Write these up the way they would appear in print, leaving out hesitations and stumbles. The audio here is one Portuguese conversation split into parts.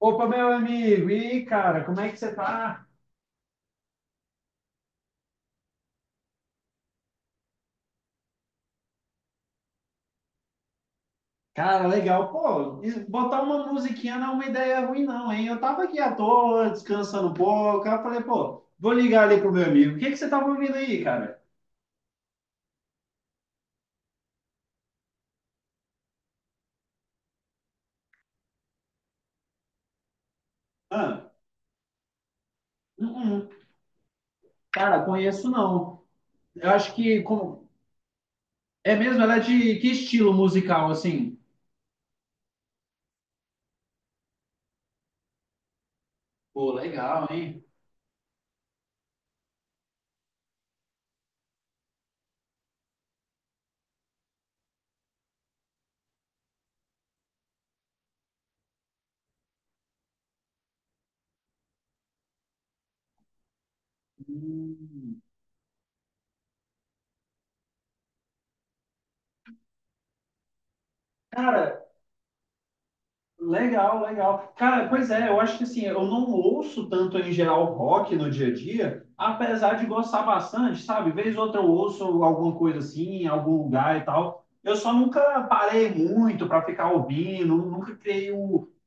Opa, meu amigo! E aí, cara, como é que você tá? Cara, legal. Pô, botar uma musiquinha não é uma ideia ruim, não, hein? Eu tava aqui à toa, descansando um pouco. Aí eu falei, pô, vou ligar ali pro meu amigo. O que que você tava ouvindo aí, cara? Ah, uh-uh. Cara, conheço não. Eu acho que. É mesmo? Ela é de que estilo musical, assim? Pô, legal, hein? Hum. Legal, legal. Cara, pois é, eu acho que assim, eu não ouço tanto em geral rock no dia a dia, apesar de gostar bastante, sabe? Vez ou outra eu ouço alguma coisa assim, em algum lugar e tal. Eu só nunca parei muito para ficar ouvindo, nunca criei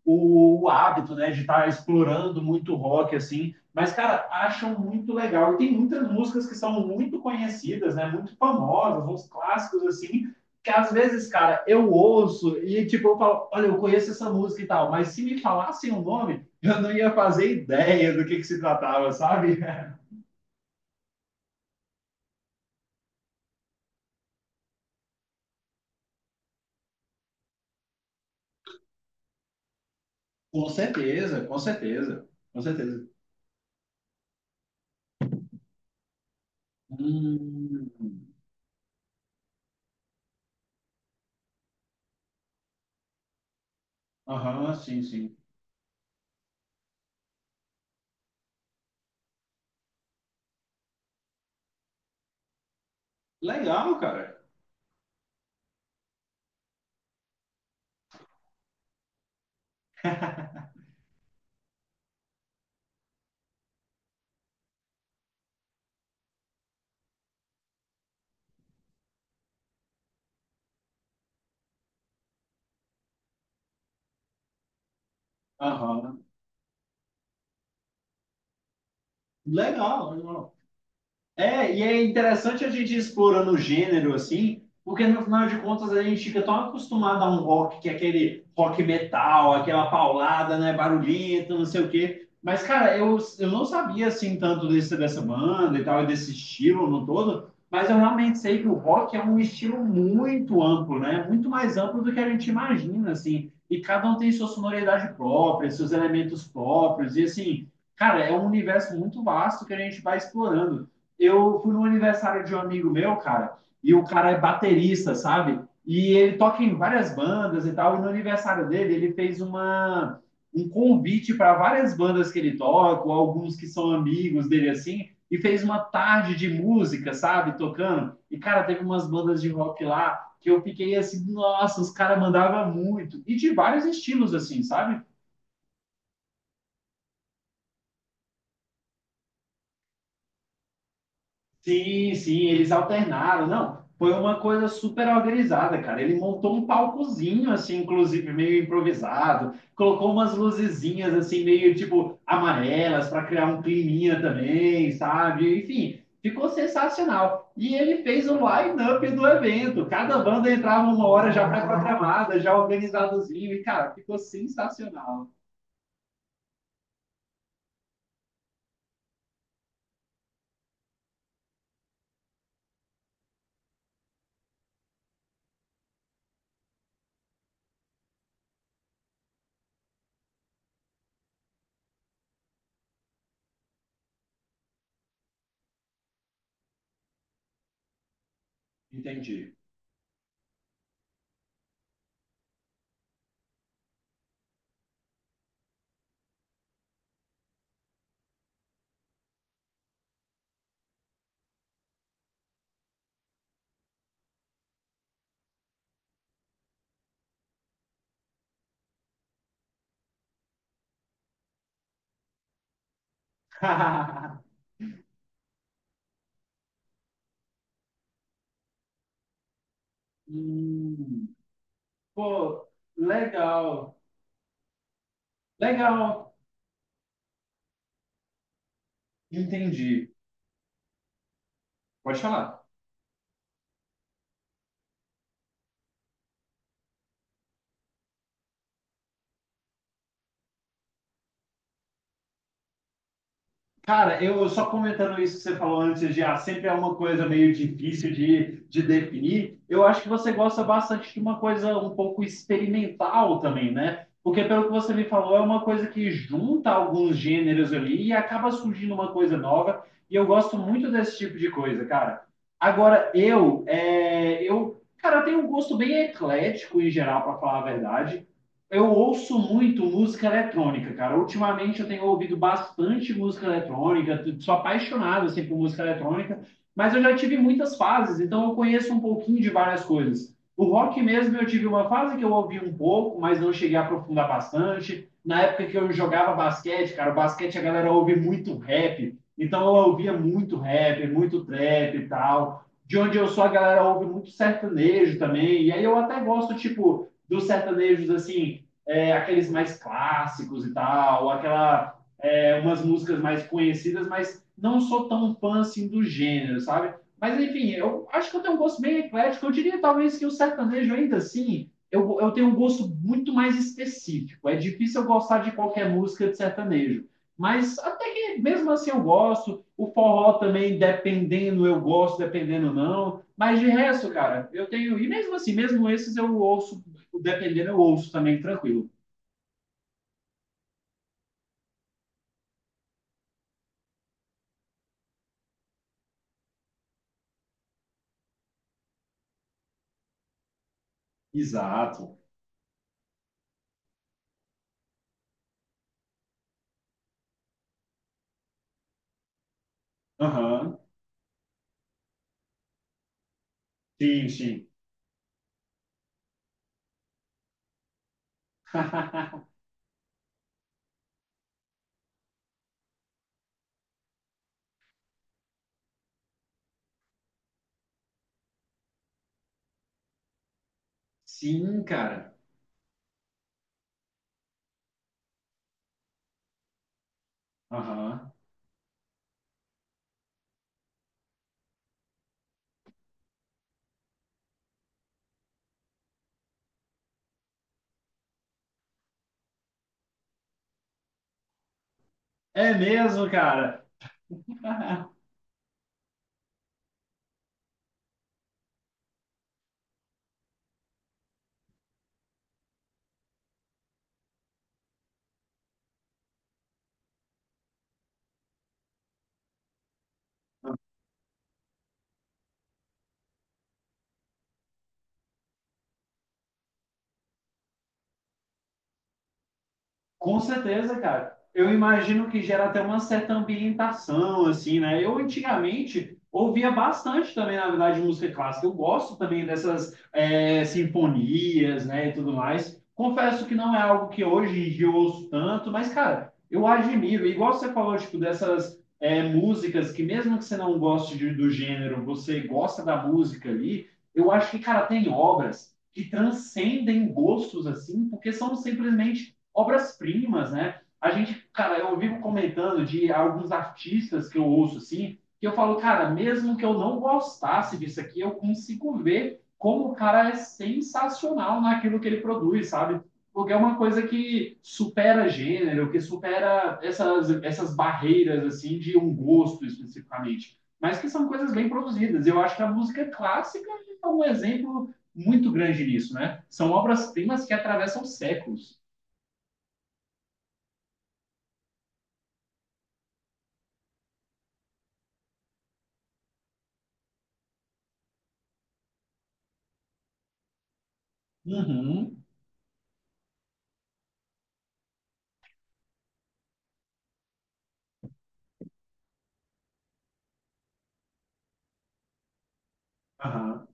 o hábito, né, de estar explorando muito rock, assim, mas, cara, acham muito legal. E tem muitas músicas que são muito conhecidas, né, muito famosas, uns clássicos, assim, que às vezes, cara, eu ouço e, tipo, eu falo, olha, eu conheço essa música e tal, mas se me falassem o nome, eu não ia fazer ideia do que se tratava, sabe? Com certeza, com certeza, com certeza. Hum, aham, sim, sim. Legal, cara. Aham. Legal, legal. É, e é interessante a gente ir explorando o gênero assim, porque no final de contas a gente fica tão acostumado a um rock que é aquele rock metal, aquela paulada, né, barulhenta, não sei o quê. Mas, cara, eu não sabia assim tanto desse, dessa banda e tal, e desse estilo no todo, mas eu realmente sei que o rock é um estilo muito amplo, né? Muito mais amplo do que a gente imagina, assim. E cada um tem sua sonoridade própria, seus elementos próprios, e assim, cara, é um universo muito vasto que a gente vai explorando. Eu fui no aniversário de um amigo meu, cara, e o cara é baterista, sabe? E ele toca em várias bandas e tal. E no aniversário dele, ele fez um convite para várias bandas que ele toca, ou alguns que são amigos dele assim, e fez uma tarde de música, sabe? Tocando. E, cara, teve umas bandas de rock lá que eu fiquei assim, nossa, os caras mandavam muito. E de vários estilos, assim, sabe? Sim, sim, eles alternaram. Não, foi uma coisa super organizada, cara. Ele montou um palcozinho, assim, inclusive meio improvisado, colocou umas luzezinhas, assim, meio tipo amarelas, para criar um climinha também, sabe? Enfim, ficou sensacional. E ele fez o line-up do evento. Cada banda entrava uma hora já pré-programada, já organizadozinho, e, cara, ficou sensacional. Entendi. Hum, pô, legal. Legal. Entendi. Pode falar. Cara, eu só comentando isso que você falou antes de ah, sempre é uma coisa meio difícil de definir. Eu acho que você gosta bastante de uma coisa um pouco experimental também, né? Porque pelo que você me falou, é uma coisa que junta alguns gêneros ali e acaba surgindo uma coisa nova. E eu gosto muito desse tipo de coisa, cara. Agora, cara, eu tenho um gosto bem eclético em geral, para falar a verdade. Eu ouço muito música eletrônica, cara. Ultimamente eu tenho ouvido bastante música eletrônica, sou apaixonado assim por música eletrônica, mas eu já tive muitas fases, então eu conheço um pouquinho de várias coisas. O rock mesmo eu tive uma fase que eu ouvi um pouco, mas não cheguei a aprofundar bastante. Na época que eu jogava basquete, cara, o basquete a galera ouve muito rap, então eu ouvia muito rap, muito trap e tal. De onde eu sou, a galera ouve muito sertanejo também, e aí eu até gosto, tipo, dos sertanejos assim, é, aqueles mais clássicos e tal, aquela é, umas músicas mais conhecidas, mas não sou tão fã assim do gênero, sabe? Mas enfim, eu acho que eu tenho um gosto bem eclético. Eu diria talvez que o sertanejo ainda assim, eu tenho um gosto muito mais específico. É difícil eu gostar de qualquer música de sertanejo. Mas até que mesmo assim eu gosto. O forró também, dependendo, eu gosto, dependendo não. Mas de resto, cara, eu tenho. E mesmo assim, mesmo esses eu ouço, dependendo, eu ouço também tranquilo. Exato. Aham. Sim, sim. Sim, cara. Aham. É mesmo, cara. Com certeza, cara. Eu imagino que gera até uma certa ambientação, assim, né? Eu antigamente ouvia bastante também, na verdade, música clássica. Eu gosto também dessas é, sinfonias, né, e tudo mais. Confesso que não é algo que hoje em dia eu ouço tanto, mas, cara, eu admiro. Igual você falou, tipo, dessas é, músicas que mesmo que você não goste do gênero, você gosta da música ali, eu acho que, cara, tem obras que transcendem gostos, assim, porque são simplesmente obras-primas, né? A gente, cara, eu vivo comentando de alguns artistas que eu ouço assim, que eu falo, cara, mesmo que eu não gostasse disso aqui, eu consigo ver como o cara é sensacional naquilo que ele produz, sabe? Porque é uma coisa que supera gênero, que supera essas barreiras, assim, de um gosto especificamente. Mas que são coisas bem produzidas. Eu acho que a música clássica é um exemplo muito grande nisso, né? São obras-primas que atravessam séculos. Uhum. Aham.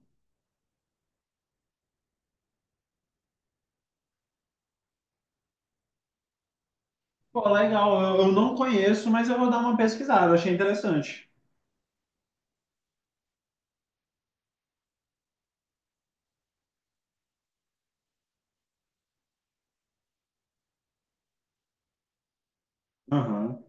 Pô, legal. Eu não conheço, mas eu vou dar uma pesquisada. Achei interessante. Aham.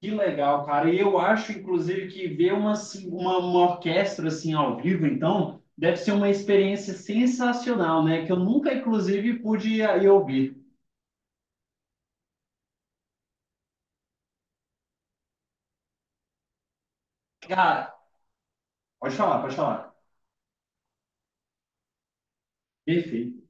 Que legal, cara. E eu acho, inclusive, que ver uma, assim, uma orquestra assim ao vivo, então, deve ser uma experiência sensacional, né? Que eu nunca, inclusive, pude ir ouvir. Cara, pode falar, pode falar. Perfeito.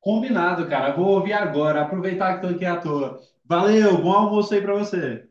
Combinado, cara. Vou ouvir agora. Aproveitar que estou aqui à toa. Valeu, bom almoço aí para você.